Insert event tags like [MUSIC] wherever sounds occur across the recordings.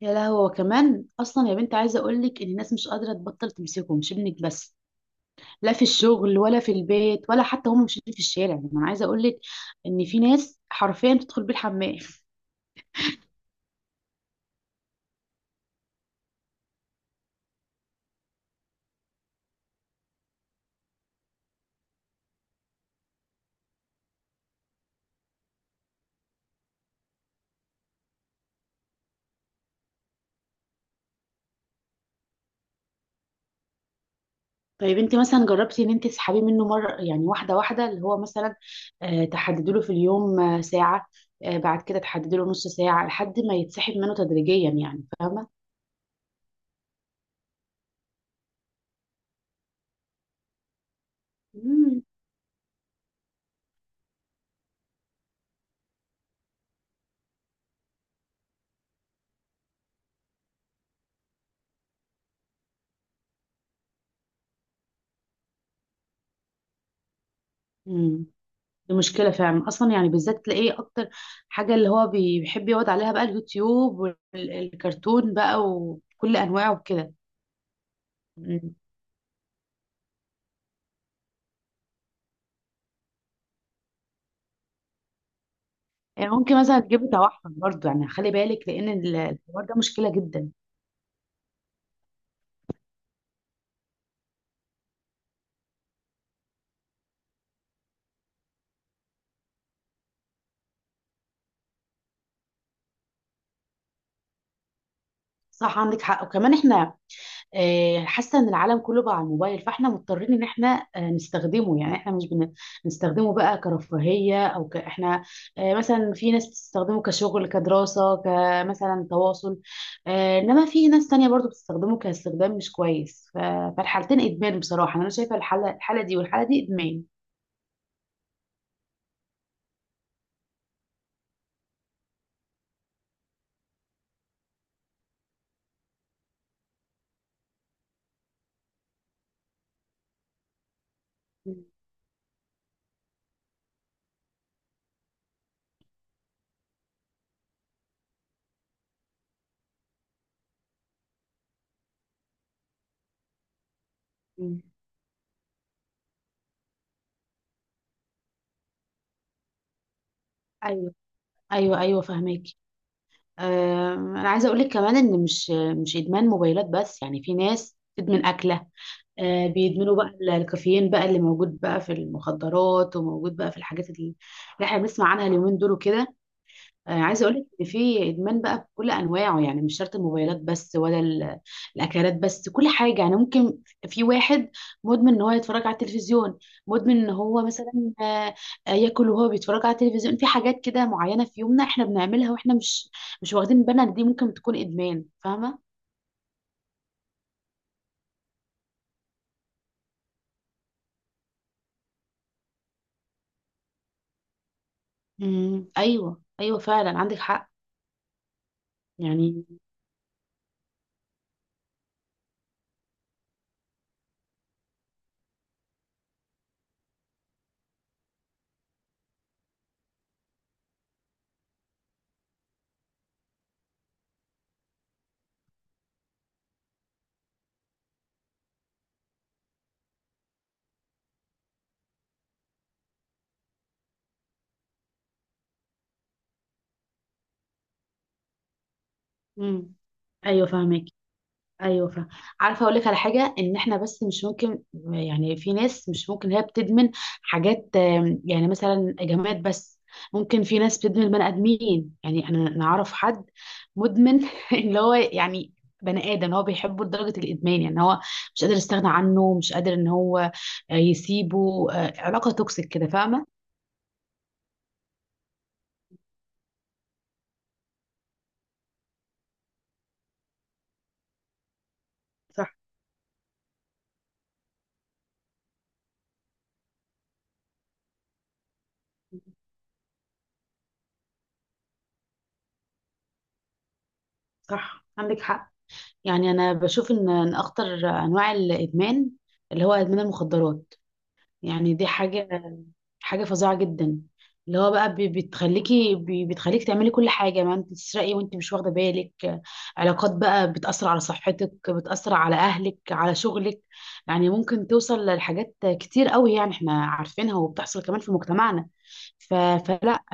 يا لهوي، هو كمان اصلا يا بنت، عايزه اقول لك ان الناس مش قادره تبطل تمسكه، مش ابنك بس. لا في الشغل ولا في البيت ولا حتى هم ماشيين في الشارع، يعني انا عايزه اقول لك ان في ناس حرفيا تدخل بيه الحمام. طيب انت مثلا جربتي ان انت تسحبيه منه مره، يعني واحده واحده، اللي هو مثلا تحددي له في اليوم ساعه. بعد كده تحددي له نص ساعه لحد ما يتسحب منه تدريجيا، يعني فاهمه؟ امم. دي مشكلة فعلا أصلا، يعني بالذات تلاقيه أكتر حاجة اللي هو بيحب يقعد عليها بقى اليوتيوب والكرتون بقى وكل أنواعه وكده. م. يعني ممكن مثلا تجيب توحد برضه، يعني خلي بالك لأن الحوار ده مشكلة جدا. صح، عندك حق. وكمان إحنا حاسه ان العالم كله بقى على الموبايل، فاحنا مضطرين ان احنا نستخدمه، يعني احنا مش بن- بنستخدمه بقى كرفاهيه او احنا مثلا في ناس بتستخدمه كشغل كدراسه كمثلا تواصل. انما في ناس تانية برضو بتستخدمه كاستخدام مش كويس. فالحالتين ادمان بصراحه، انا شايفه الحاله دي والحاله دي ادمان. مم. مم. ايوه، ايوه، ايوه، فهماكي. انا عايزه اقول لك كمان ان مش ادمان موبايلات بس، يعني في ناس تدمن اكله. بيدمنوا بقى الكافيين بقى اللي موجود بقى في المخدرات وموجود بقى في الحاجات اللي احنا بنسمع عنها اليومين دول وكده. عايزه اقول لك ان في ادمان بقى بكل انواعه، يعني مش شرط الموبايلات بس ولا الاكلات بس، كل حاجه يعني ممكن. في واحد مدمن ان هو يتفرج على التلفزيون، مدمن ان هو مثلا ياكل وهو بيتفرج على التلفزيون. في حاجات كده معينه في يومنا احنا بنعملها واحنا مش واخدين بالنا إن دي ممكن تكون ادمان، فاهمه؟ امم، ايوه، ايوه، فعلا عندك حق يعني. امم، ايوه فاهمك، ايوه فاهم. عارفه اقول لك على حاجه، ان احنا بس مش ممكن، يعني في ناس مش ممكن هي بتدمن حاجات، يعني مثلا جماد بس. ممكن في ناس بتدمن بني ادمين، يعني انا نعرف حد مدمن [LAUGHS] اللي هو يعني بني ادم هو بيحبه لدرجه الادمان، يعني هو مش قادر يستغنى عنه، مش قادر ان هو يسيبه، علاقه توكسيك كده، فاهمه؟ صح، صح، عندك حق. يعني انا بشوف ان اخطر انواع الادمان اللي هو ادمان المخدرات، يعني دي حاجه فظيعه جدا. اللي هو بقى بتخليكي، بتخليك تعملي كل حاجه، ما انت تسرقي وانت مش واخده بالك. علاقات بقى بتاثر على صحتك، بتاثر على اهلك، على شغلك. يعني ممكن توصل لحاجات كتير قوي، يعني احنا عارفينها وبتحصل كمان في مجتمعنا. فلا.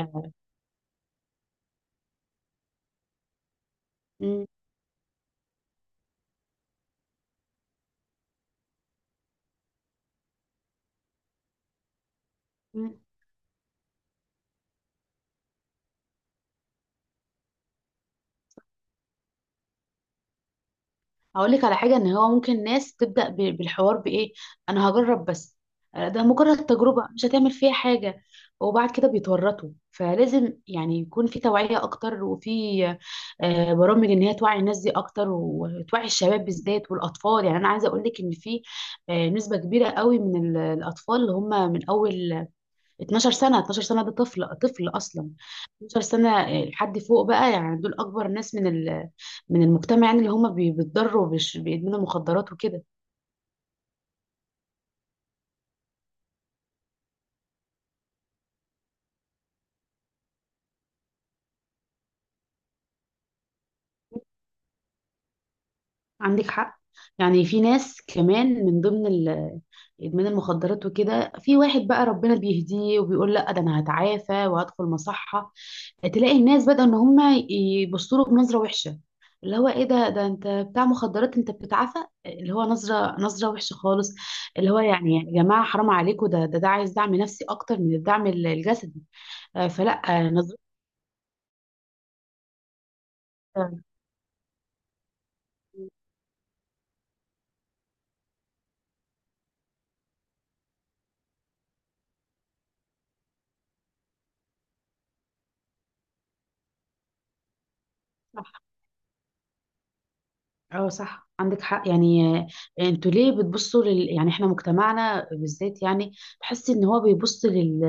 مم. هقول لك على حاجه، ان هو ممكن ناس تبدا بالحوار بايه: انا هجرب بس، ده مجرد تجربه مش هتعمل فيها حاجه، وبعد كده بيتورطوا. فلازم يعني يكون في توعيه اكتر، وفي برامج ان هي توعي الناس دي اكتر وتوعي الشباب بالذات والاطفال. يعني انا عايزه اقول لك ان في نسبه كبيره قوي من الاطفال اللي هم من اول 12 سنة. 12 سنة ده طفل، طفل أصلا. 12 سنة لحد فوق بقى، يعني دول أكبر ناس من من المجتمع، يعني اللي هم بيتضروا بيدمنوا مخدرات وكده. عندك حق. يعني في ناس كمان من ضمن إدمان المخدرات وكده، في واحد بقى ربنا بيهديه وبيقول لا، ده أنا هتعافى وهدخل مصحة، تلاقي الناس بدأوا ان هم يبصوا له بنظره وحشه، اللي هو ايه ده انت بتاع مخدرات انت بتتعافى؟ اللي هو نظره وحشه خالص. اللي هو يعني يا جماعه حرام عليكم، ده عايز دعم نفسي اكتر من الدعم الجسدي. فلا نظرة. صح، اه صح، عندك حق يعني. انتوا ليه بتبصوا يعني احنا مجتمعنا بالذات، يعني تحس ان هو بيبص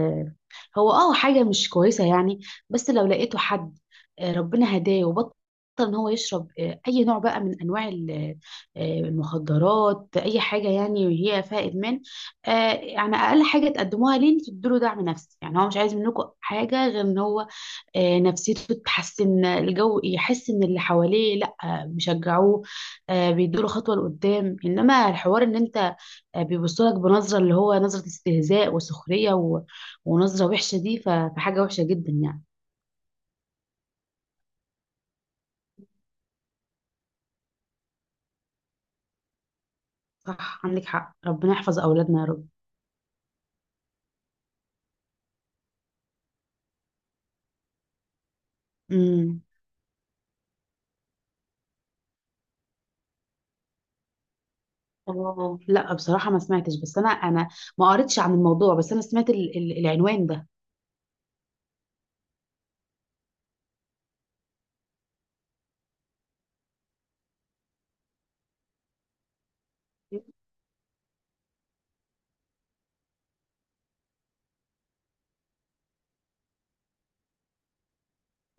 هو اه حاجة مش كويسة يعني. بس لو لقيته حد ربنا هداه وبطل ان هو يشرب اي نوع بقى من انواع المخدرات، اي حاجة يعني هي فيها ادمان. يعني اقل حاجة تقدموها ليه انتوا تدوا دعم نفسي، يعني هو مش عايز منكم حاجة غير ان هو نفسيته تتحسن، الجو يحس ان اللي حواليه لا، بيشجعوه، بيدوله خطوة لقدام. انما الحوار ان انت بيبصوا لك بنظره اللي هو نظره استهزاء وسخريه ونظره وحشه، دي فحاجه وحشه جدا يعني. صح، عندك حق، ربنا يحفظ اولادنا يا رب. امم. اه لا، بصراحه ما سمعتش، بس انا ما قريتش عن الموضوع، بس انا سمعت العنوان ده.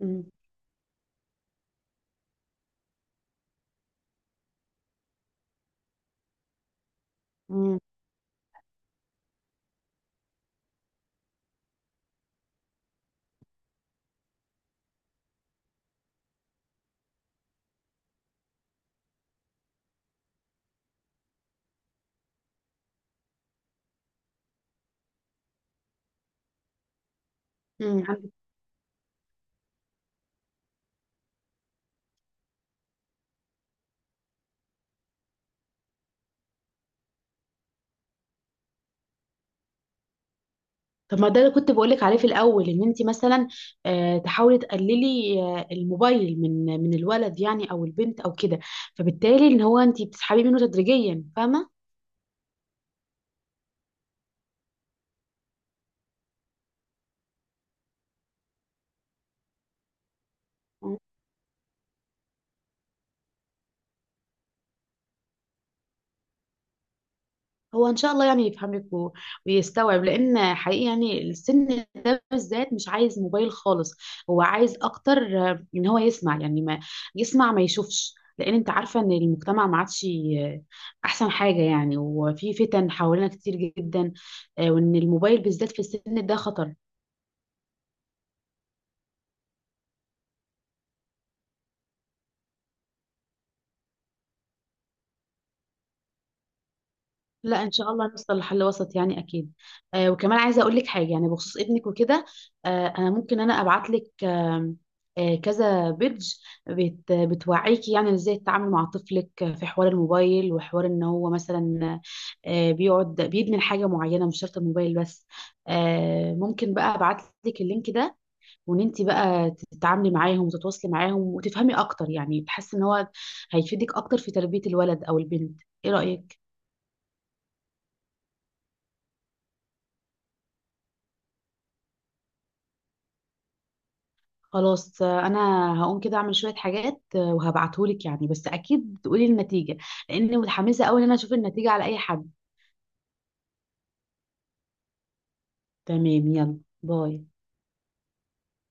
امم، امم، امم، عندك. طب ما ده اللي كنت بقولك عليه في الاول، ان انت مثلا تحاولي تقللي الموبايل من الولد، يعني او البنت او كده، فبالتالي ان هو انت بتسحبيه منه تدريجيا، فاهمه؟ هو ان شاء الله يعني يفهمك ويستوعب، لان حقيقي يعني السن ده بالذات مش عايز موبايل خالص. هو عايز اكتر ان هو يسمع، يعني ما يسمع ما يشوفش، لان انت عارفه ان المجتمع ما عادش آه، احسن حاجه يعني، وفي فتن حوالينا كتير جدا، وان الموبايل بالذات في السن ده خطر. لا، ان شاء الله نوصل لحل وسط يعني اكيد. وكمان عايزه اقول لك حاجه يعني بخصوص ابنك وكده. انا ممكن انا ابعت لك كذا بيدج بتوعيكي، يعني ازاي تتعامل مع طفلك في حوار الموبايل وحوار ان هو مثلا بيقعد بيدمن حاجه معينه، مش شرط الموبايل بس. ممكن بقى ابعت لك اللينك ده، وان انت بقى تتعاملي معاهم وتتواصلي معاهم وتفهمي اكتر، يعني تحسي ان هو هيفيدك اكتر في تربيه الولد او البنت. ايه رايك؟ خلاص. انا هقوم كده اعمل شويه حاجات وهبعتهولك يعني، بس اكيد تقولي النتيجه، لاني متحمسه قوي ان انا اشوف النتيجه على اي حد. تمام. يلا. باي.